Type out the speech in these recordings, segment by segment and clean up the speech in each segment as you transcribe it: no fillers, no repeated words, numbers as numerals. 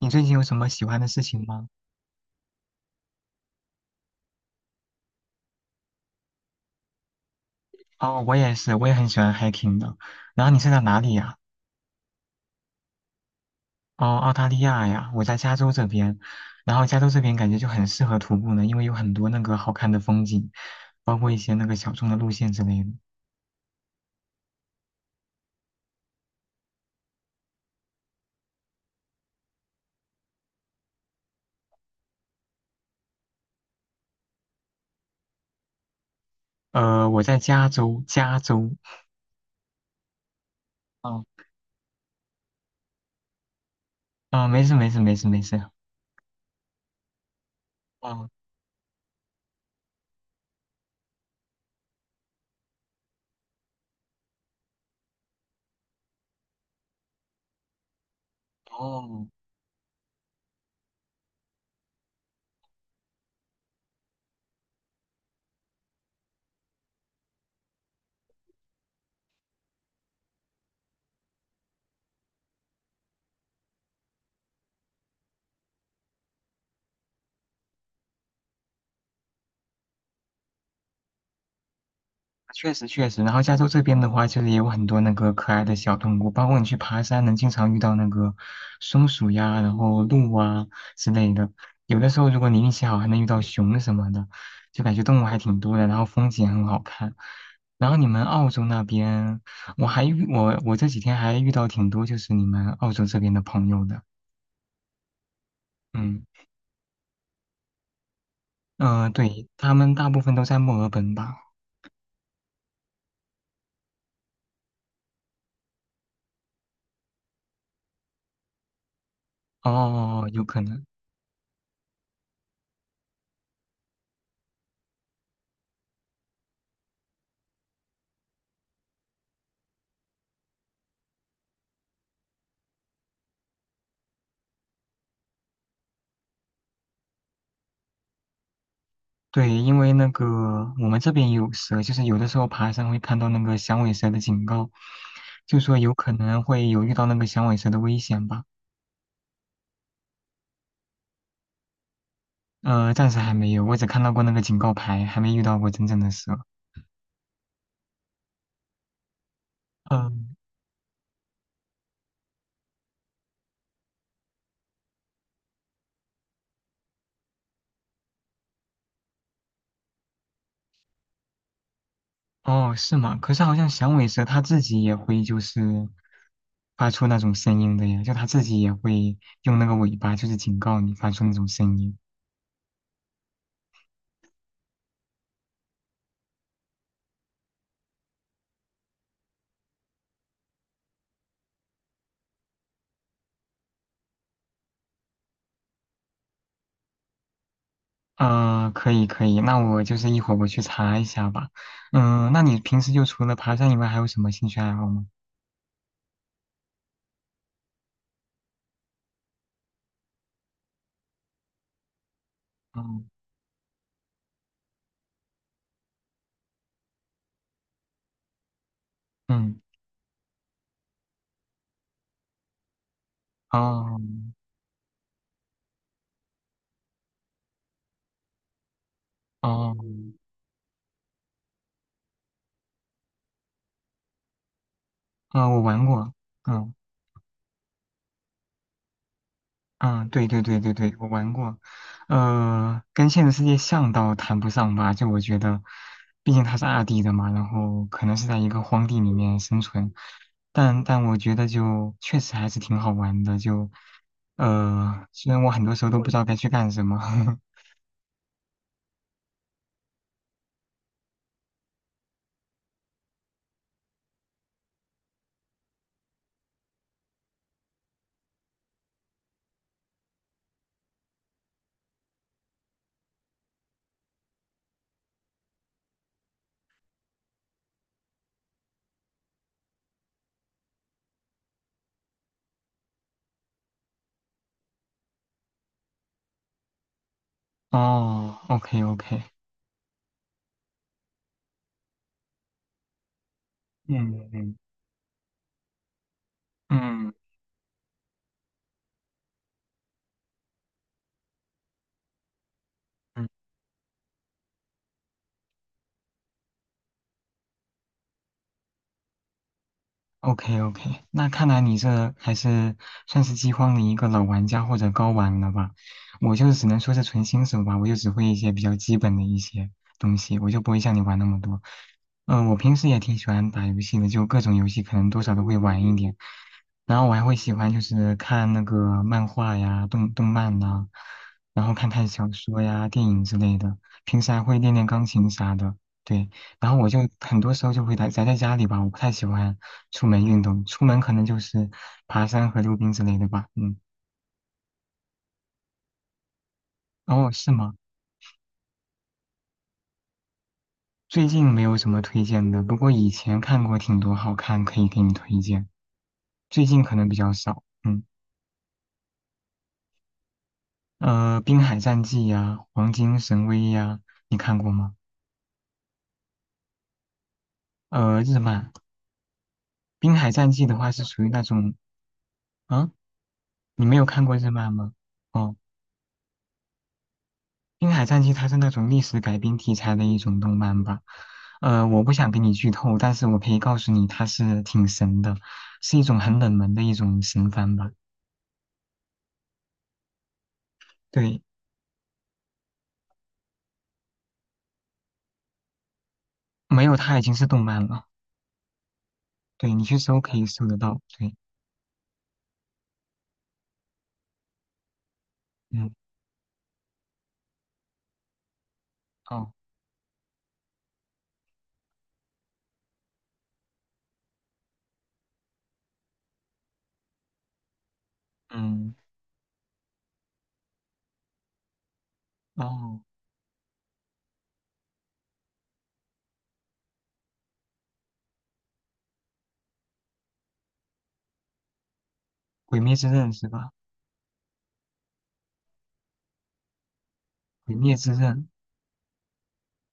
你最近有什么喜欢的事情吗？哦，我也是，我也很喜欢 hiking 的。然后你是在哪里呀？哦，澳大利亚呀，我在加州这边。然后加州这边感觉就很适合徒步呢，因为有很多那个好看的风景，包括一些那个小众的路线之类的。我在加州，加州。嗯嗯，没事没事没事没事。哦哦，确实确实，然后加州这边的话，就是也有很多那个可爱的小动物，包括你去爬山，能经常遇到那个松鼠呀，然后鹿啊之类的。有的时候如果你运气好，还能遇到熊什么的，就感觉动物还挺多的，然后风景很好看。然后你们澳洲那边，我这几天还遇到挺多就是你们澳洲这边的朋友的，嗯嗯、对，他们大部分都在墨尔本吧？哦，有可能。对，因为那个我们这边也有蛇，就是有的时候爬山会看到那个响尾蛇的警告，就说有可能会有遇到那个响尾蛇的危险吧。暂时还没有，我只看到过那个警告牌，还没遇到过真正的蛇。嗯，哦，是吗？可是好像响尾蛇它自己也会就是发出那种声音的呀，就它自己也会用那个尾巴就是警告你发出那种声音。嗯，可以可以，那我一会儿去查一下吧。嗯，那你平时就除了爬山以外，还有什么兴趣爱好吗？嗯嗯，哦哦啊，我玩过，嗯嗯，对对对对对，我玩过，跟现实世界像倒谈不上吧，就我觉得，毕竟它是二 D 的嘛，然后可能是在一个荒地里面生存，但我觉得就确实还是挺好玩的，就虽然我很多时候都不知道该去干什么。哦，OK OK，嗯嗯嗯，嗯，OK OK，那看来你这还是算是饥荒的一个老玩家或者高玩了吧？我就只能说是纯新手吧，我就只会一些比较基本的一些东西，我就不会像你玩那么多。嗯、我平时也挺喜欢打游戏的，就各种游戏可能多少都会玩一点。然后我还会喜欢就是看那个漫画呀、动漫呐、然后看看小说呀、电影之类的。平时还会练练钢琴啥的，对。然后我就很多时候就会宅宅在家里吧，我不太喜欢。出门运动，出门可能就是爬山和溜冰之类的吧。嗯，哦，是吗？最近没有什么推荐的，不过以前看过挺多好看，可以给你推荐。最近可能比较少，嗯，《滨海战记》呀，《黄金神威》呀，你看过吗？日漫，《滨海战记》的话是属于那种啊，你没有看过日漫吗？哦。《冰海战记》它是那种历史改编题材的一种动漫吧，我不想给你剧透，但是我可以告诉你，它是挺神的，是一种很冷门的一种神番吧。对，没有它已经是动漫了。对，你去搜可以搜得到。对，嗯，哦，嗯，哦，《鬼灭之刃》是吧？《鬼灭之刃》，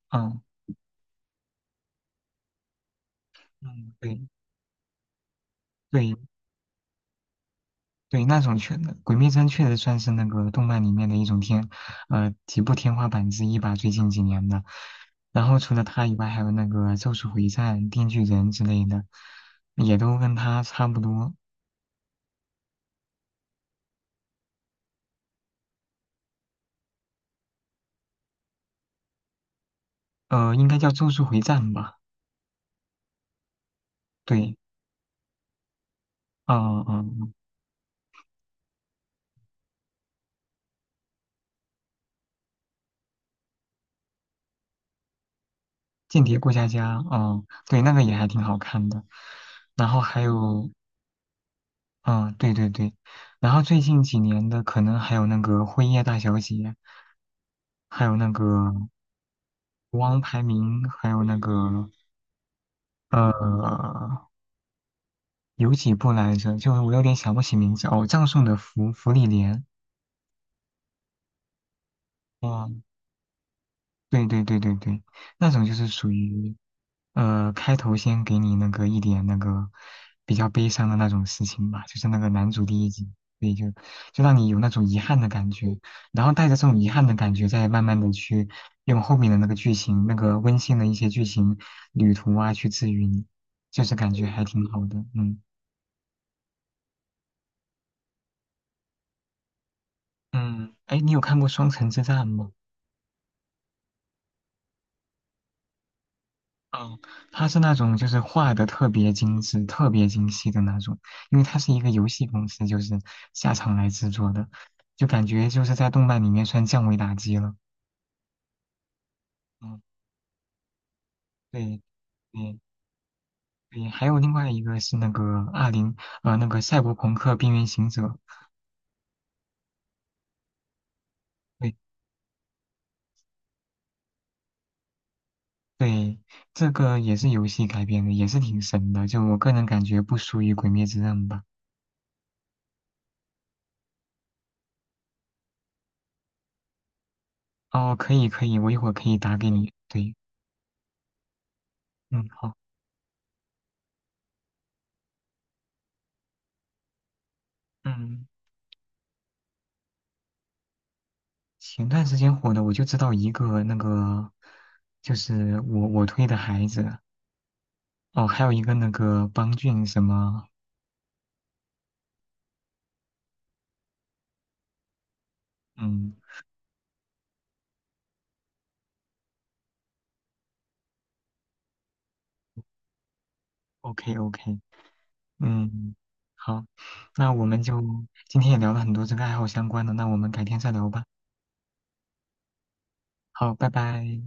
嗯嗯，对对，对，那种确，《鬼灭之刃》确实算是那个动漫里面的一种天，几部天花板之一吧。最近几年的，然后除了它以外，还有那个《咒术回战》《电锯人》之类的，也都跟它差不多。应该叫《咒术回战》吧？对，嗯、嗯，《间谍过家家》嗯、对，那个也还挺好看的。然后还有，嗯、对对对，然后最近几年的可能还有那个《辉夜大小姐》，还有那个。国王排名，还有那个呃，有几部来着？就是我有点想不起名字哦。葬送的芙芙莉莲，哇，对对对对对，那种就是属于开头先给你那个一点那个比较悲伤的那种事情吧，就是那个男主第一集，所以就就让你有那种遗憾的感觉，然后带着这种遗憾的感觉，再慢慢的去用后面的那个剧情，那个温馨的一些剧情旅途啊，去治愈你，就是感觉还挺好的，嗯。嗯，哎，你有看过《双城之战》吗？嗯，它是那种就是画的特别精致、特别精细的那种，因为它是一个游戏公司，就是下场来制作的，就感觉就是在动漫里面算降维打击了。嗯，对对对，还有另外一个是那个二零那个《赛博朋克：边缘行者》，对对，这个也是游戏改编的，也是挺神的，就我个人感觉不输于《鬼灭之刃》吧。哦，可以可以，我一会儿可以打给你。对，嗯，好。嗯。前段时间火的，我就知道一个那个，就是我推的孩子哦，还有一个那个邦俊什么，嗯，OK OK，嗯，好，那我们就今天也聊了很多这个爱好相关的，那我们改天再聊吧。好，拜拜。